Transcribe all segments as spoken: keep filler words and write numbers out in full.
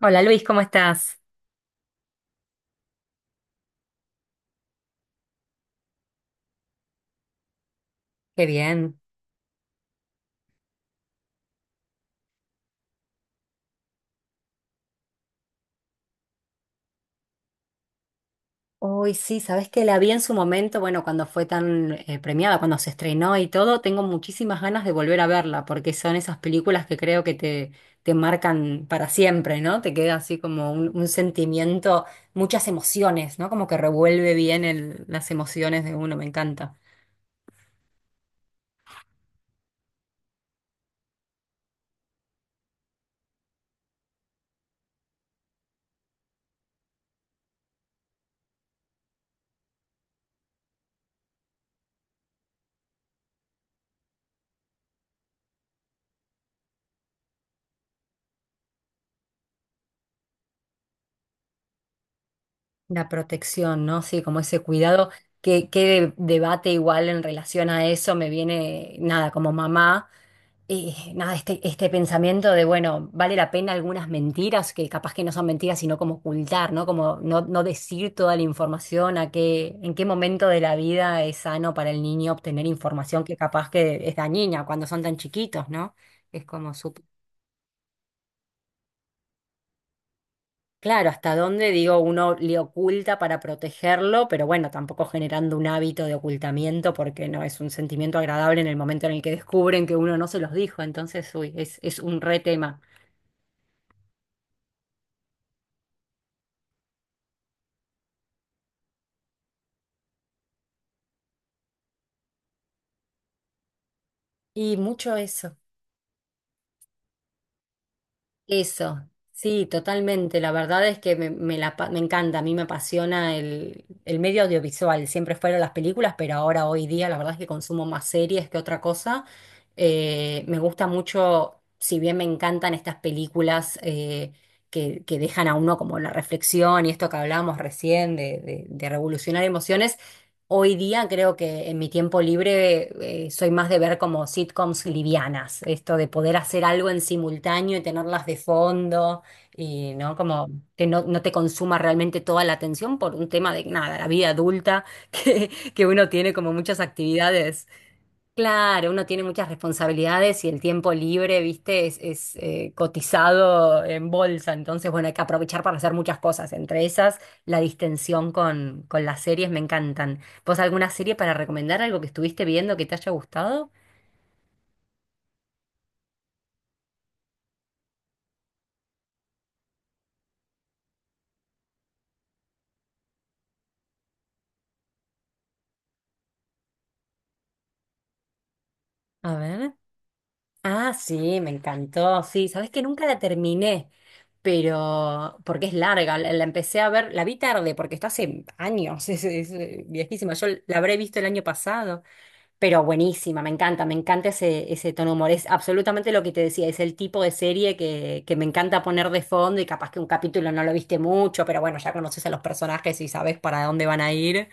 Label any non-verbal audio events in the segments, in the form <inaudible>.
Hola Luis, ¿cómo estás? Qué bien. Uy, sí, sabes que la vi en su momento, bueno, cuando fue tan eh, premiada, cuando se estrenó y todo, tengo muchísimas ganas de volver a verla, porque son esas películas que creo que te, te marcan para siempre, ¿no? Te queda así como un, un sentimiento, muchas emociones, ¿no? Como que revuelve bien el- las emociones de uno, me encanta. La protección, ¿no? Sí, como ese cuidado. Que qué debate igual en relación a eso me viene, nada, como mamá. Eh, nada, este, Este pensamiento de, bueno, vale la pena algunas mentiras, que capaz que no son mentiras, sino como ocultar, ¿no? Como no, no decir toda la información, a qué, en qué momento de la vida es sano para el niño obtener información que capaz que es dañina cuando son tan chiquitos, ¿no? Es como súper... Claro, hasta dónde, digo, uno le oculta para protegerlo, pero bueno, tampoco generando un hábito de ocultamiento porque no es un sentimiento agradable en el momento en el que descubren que uno no se los dijo, entonces, uy, es, es un re tema. Y mucho eso. Eso, sí, totalmente. La verdad es que me, me la pa- me encanta, a mí me apasiona el, el medio audiovisual. Siempre fueron las películas, pero ahora, hoy día, la verdad es que consumo más series que otra cosa. Eh, me gusta mucho, si bien me encantan estas películas eh, que, que dejan a uno como la reflexión y esto que hablábamos recién de, de de revolucionar emociones. Hoy día creo que en mi tiempo libre eh, soy más de ver como sitcoms livianas, esto de poder hacer algo en simultáneo y tenerlas de fondo y no como que no, no te consuma realmente toda la atención por un tema de nada, la vida adulta <laughs> que, que uno tiene como muchas actividades. Claro, uno tiene muchas responsabilidades y el tiempo libre, viste, es, es, eh, cotizado en bolsa. Entonces, bueno, hay que aprovechar para hacer muchas cosas. Entre esas, la distensión con, con las series me encantan. ¿Vos alguna serie para recomendar? ¿Algo que estuviste viendo que te haya gustado? A ver. Ah, sí, me encantó. Sí, sabés que nunca la terminé, pero porque es larga. La, la empecé a ver, la vi tarde porque está hace años, <laughs> es, es, eh, viejísima. Yo la habré visto el año pasado. Pero buenísima, me encanta, me encanta ese, ese tono de humor. Es absolutamente lo que te decía, es el tipo de serie que, que me encanta poner de fondo y capaz que un capítulo no lo viste mucho, pero bueno, ya conoces a los personajes y sabes para dónde van a ir.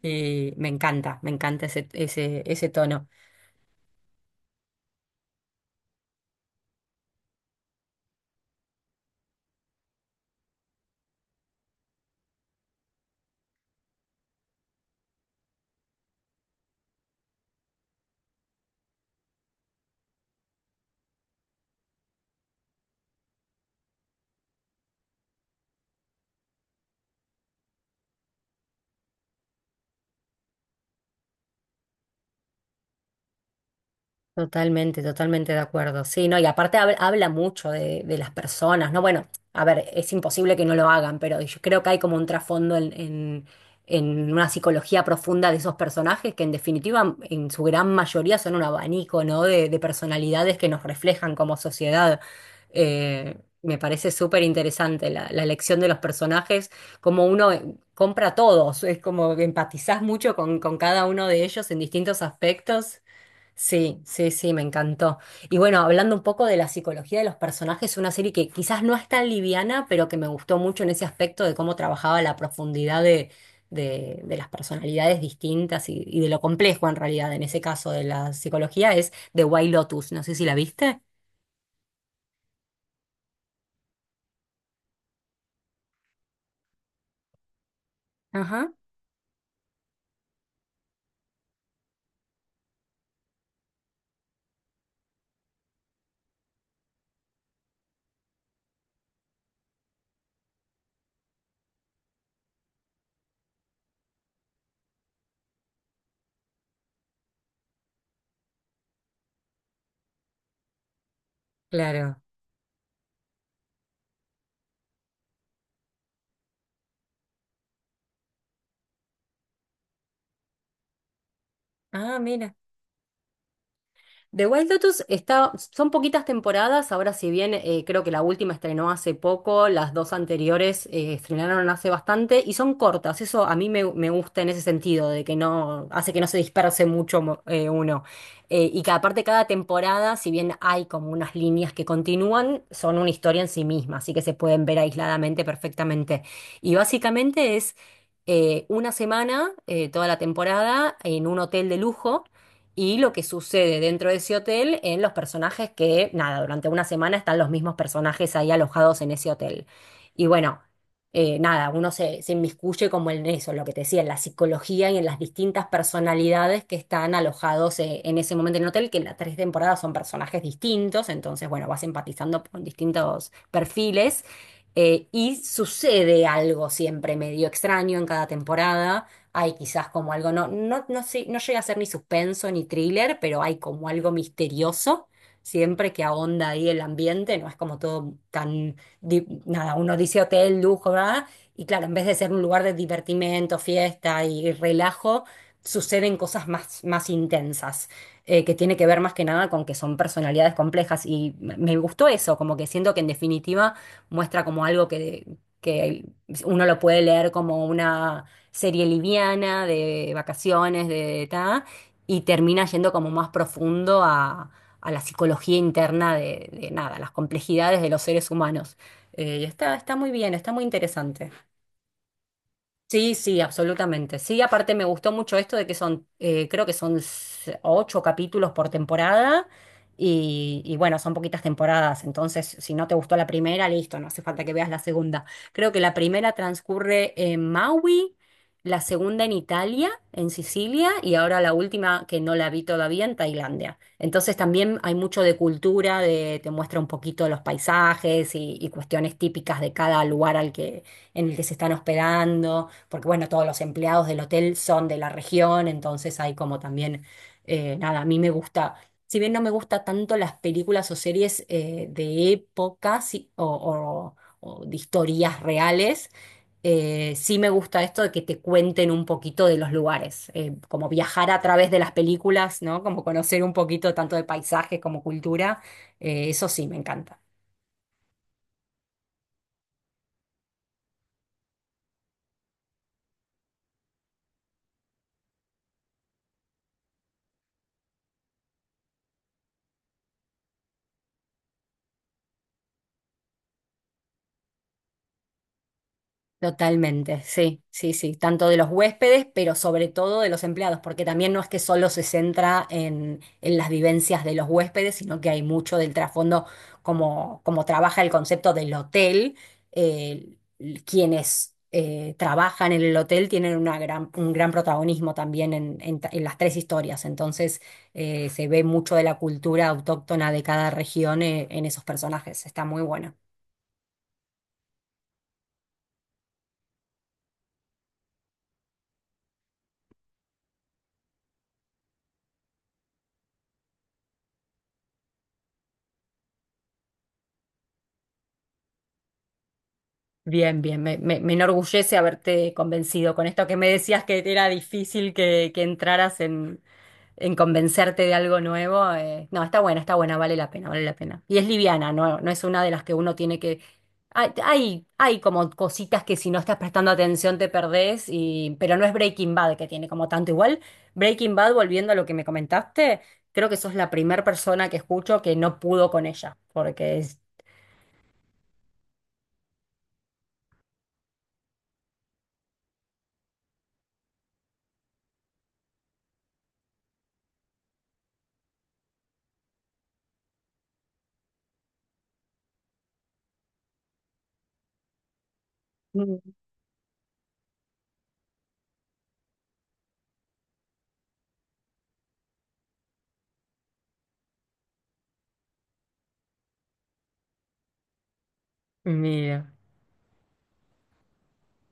Y me encanta, me encanta ese, ese, ese tono. Totalmente, totalmente de acuerdo. Sí, no, y aparte hab- habla mucho de, de las personas, ¿no? Bueno, a ver, es imposible que no lo hagan, pero yo creo que hay como un trasfondo en, en, en una psicología profunda de esos personajes que en definitiva, en su gran mayoría, son un abanico, ¿no? De, de personalidades que nos reflejan como sociedad. Eh, me parece súper interesante la, la elección de los personajes, como uno eh, compra a todos, es como que empatizás mucho con, con cada uno de ellos en distintos aspectos. Sí, sí, sí, me encantó. Y bueno, hablando un poco de la psicología de los personajes, una serie que quizás no es tan liviana, pero que me gustó mucho en ese aspecto de cómo trabajaba la profundidad de, de- de las personalidades distintas y, y de lo complejo en realidad, en ese caso de la psicología, es The White Lotus. No sé si la viste. Ajá, claro. Ah, mira. The White Lotus está, son poquitas temporadas, ahora si bien eh, creo que la última estrenó hace poco, las dos anteriores eh, estrenaron hace bastante y son cortas, eso a mí me, me gusta en ese sentido, de que no, hace que no se disperse mucho mo- eh, uno. Eh, y que aparte cada temporada, si bien hay como unas líneas que continúan, son una historia en sí misma, así que se pueden ver aisladamente perfectamente. Y básicamente es eh, una semana, eh, toda la temporada, en un hotel de lujo y lo que sucede dentro de ese hotel en los personajes que, nada, durante una semana están los mismos personajes ahí alojados en ese hotel. Y bueno, eh, nada, uno se, se inmiscuye como en eso, lo que te decía, en la psicología y en las distintas personalidades que están alojados eh, en ese momento en el hotel, que en las tres temporadas son personajes distintos, entonces, bueno, vas empatizando con distintos perfiles. Eh, y sucede algo siempre medio extraño en cada temporada. Hay quizás como algo, no, no, no sé, no llega a ser ni suspenso ni thriller, pero hay como algo misterioso. Siempre que ahonda ahí el ambiente, no es como todo tan, di- nada, uno dice hotel, lujo, ¿verdad? Y claro, en vez de ser un lugar de divertimento, fiesta y relajo, suceden cosas más, más intensas, eh, que tiene que ver más que nada con que son personalidades complejas. Y me me gustó eso, como que siento que en definitiva muestra como algo que, que uno lo puede leer como una serie liviana, de vacaciones, de ta, y termina yendo como más profundo a, a la psicología interna de, de nada, las complejidades de los seres humanos. Eh, y está, está muy bien, está muy interesante. Sí, sí, absolutamente. Sí, aparte me gustó mucho esto de que son, eh, creo que son s- ocho capítulos por temporada y, y bueno, son poquitas temporadas, entonces si no te gustó la primera, listo, no hace falta que veas la segunda. Creo que la primera transcurre en Maui, la segunda en Italia, en Sicilia y ahora la última que no la vi todavía en Tailandia. Entonces también hay mucho de cultura, de, te muestra un poquito los paisajes y, y cuestiones típicas de cada lugar al que, en el que se están hospedando porque bueno, todos los empleados del hotel son de la región, entonces hay como también, eh, nada, a mí me gusta, si bien no me gusta tanto las películas o series eh, de épocas sí, o, o- o de historias reales, eh, sí me gusta esto de que te cuenten un poquito de los lugares, eh, como viajar a través de las películas, ¿no? Como conocer un poquito tanto de paisajes como cultura, eh, eso sí me encanta. Totalmente, sí, sí, sí, tanto de los huéspedes, pero sobre todo de los empleados, porque también no es que solo se centra en, en las vivencias de los huéspedes, sino que hay mucho del trasfondo, como, como trabaja el concepto del hotel, eh, quienes eh, trabajan en el hotel tienen una gran, un gran protagonismo también en, en ta- en las tres historias, entonces eh, se ve mucho de la cultura autóctona de cada región eh, en esos personajes, está muy bueno. Bien, bien, me, me, me enorgullece haberte convencido con esto que me decías que era difícil que, que entraras en, en convencerte de algo nuevo. eh, No, está buena, está buena, vale la pena, vale la pena. Y es liviana, no, no es una de las que uno tiene que... Hay, hay, hay como cositas que si no estás prestando atención te perdés, y... pero no es Breaking Bad que tiene como tanto igual. Breaking Bad, volviendo a lo que me comentaste, creo que sos la primera persona que escucho que no pudo con ella, porque es... Mm. Mira.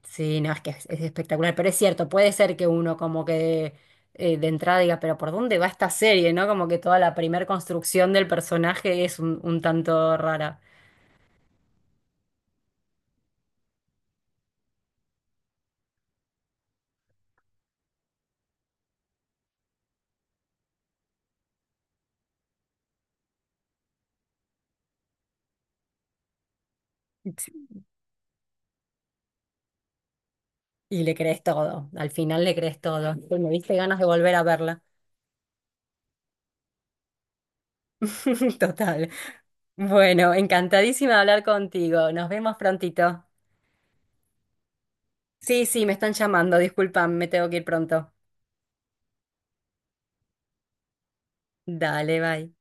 Sí, no, es que es, es espectacular, pero es cierto, puede ser que uno como que eh, de entrada diga, pero ¿por dónde va esta serie? ¿No? Como que toda la primer construcción del personaje es un, un tanto rara. Sí. Y le crees todo, al final le crees todo. Pues me diste ganas de volver a verla. <laughs> Total. Bueno, encantadísima de hablar contigo. Nos vemos prontito. Sí, sí, me están llamando, disculpan, me tengo que ir pronto. Dale, bye.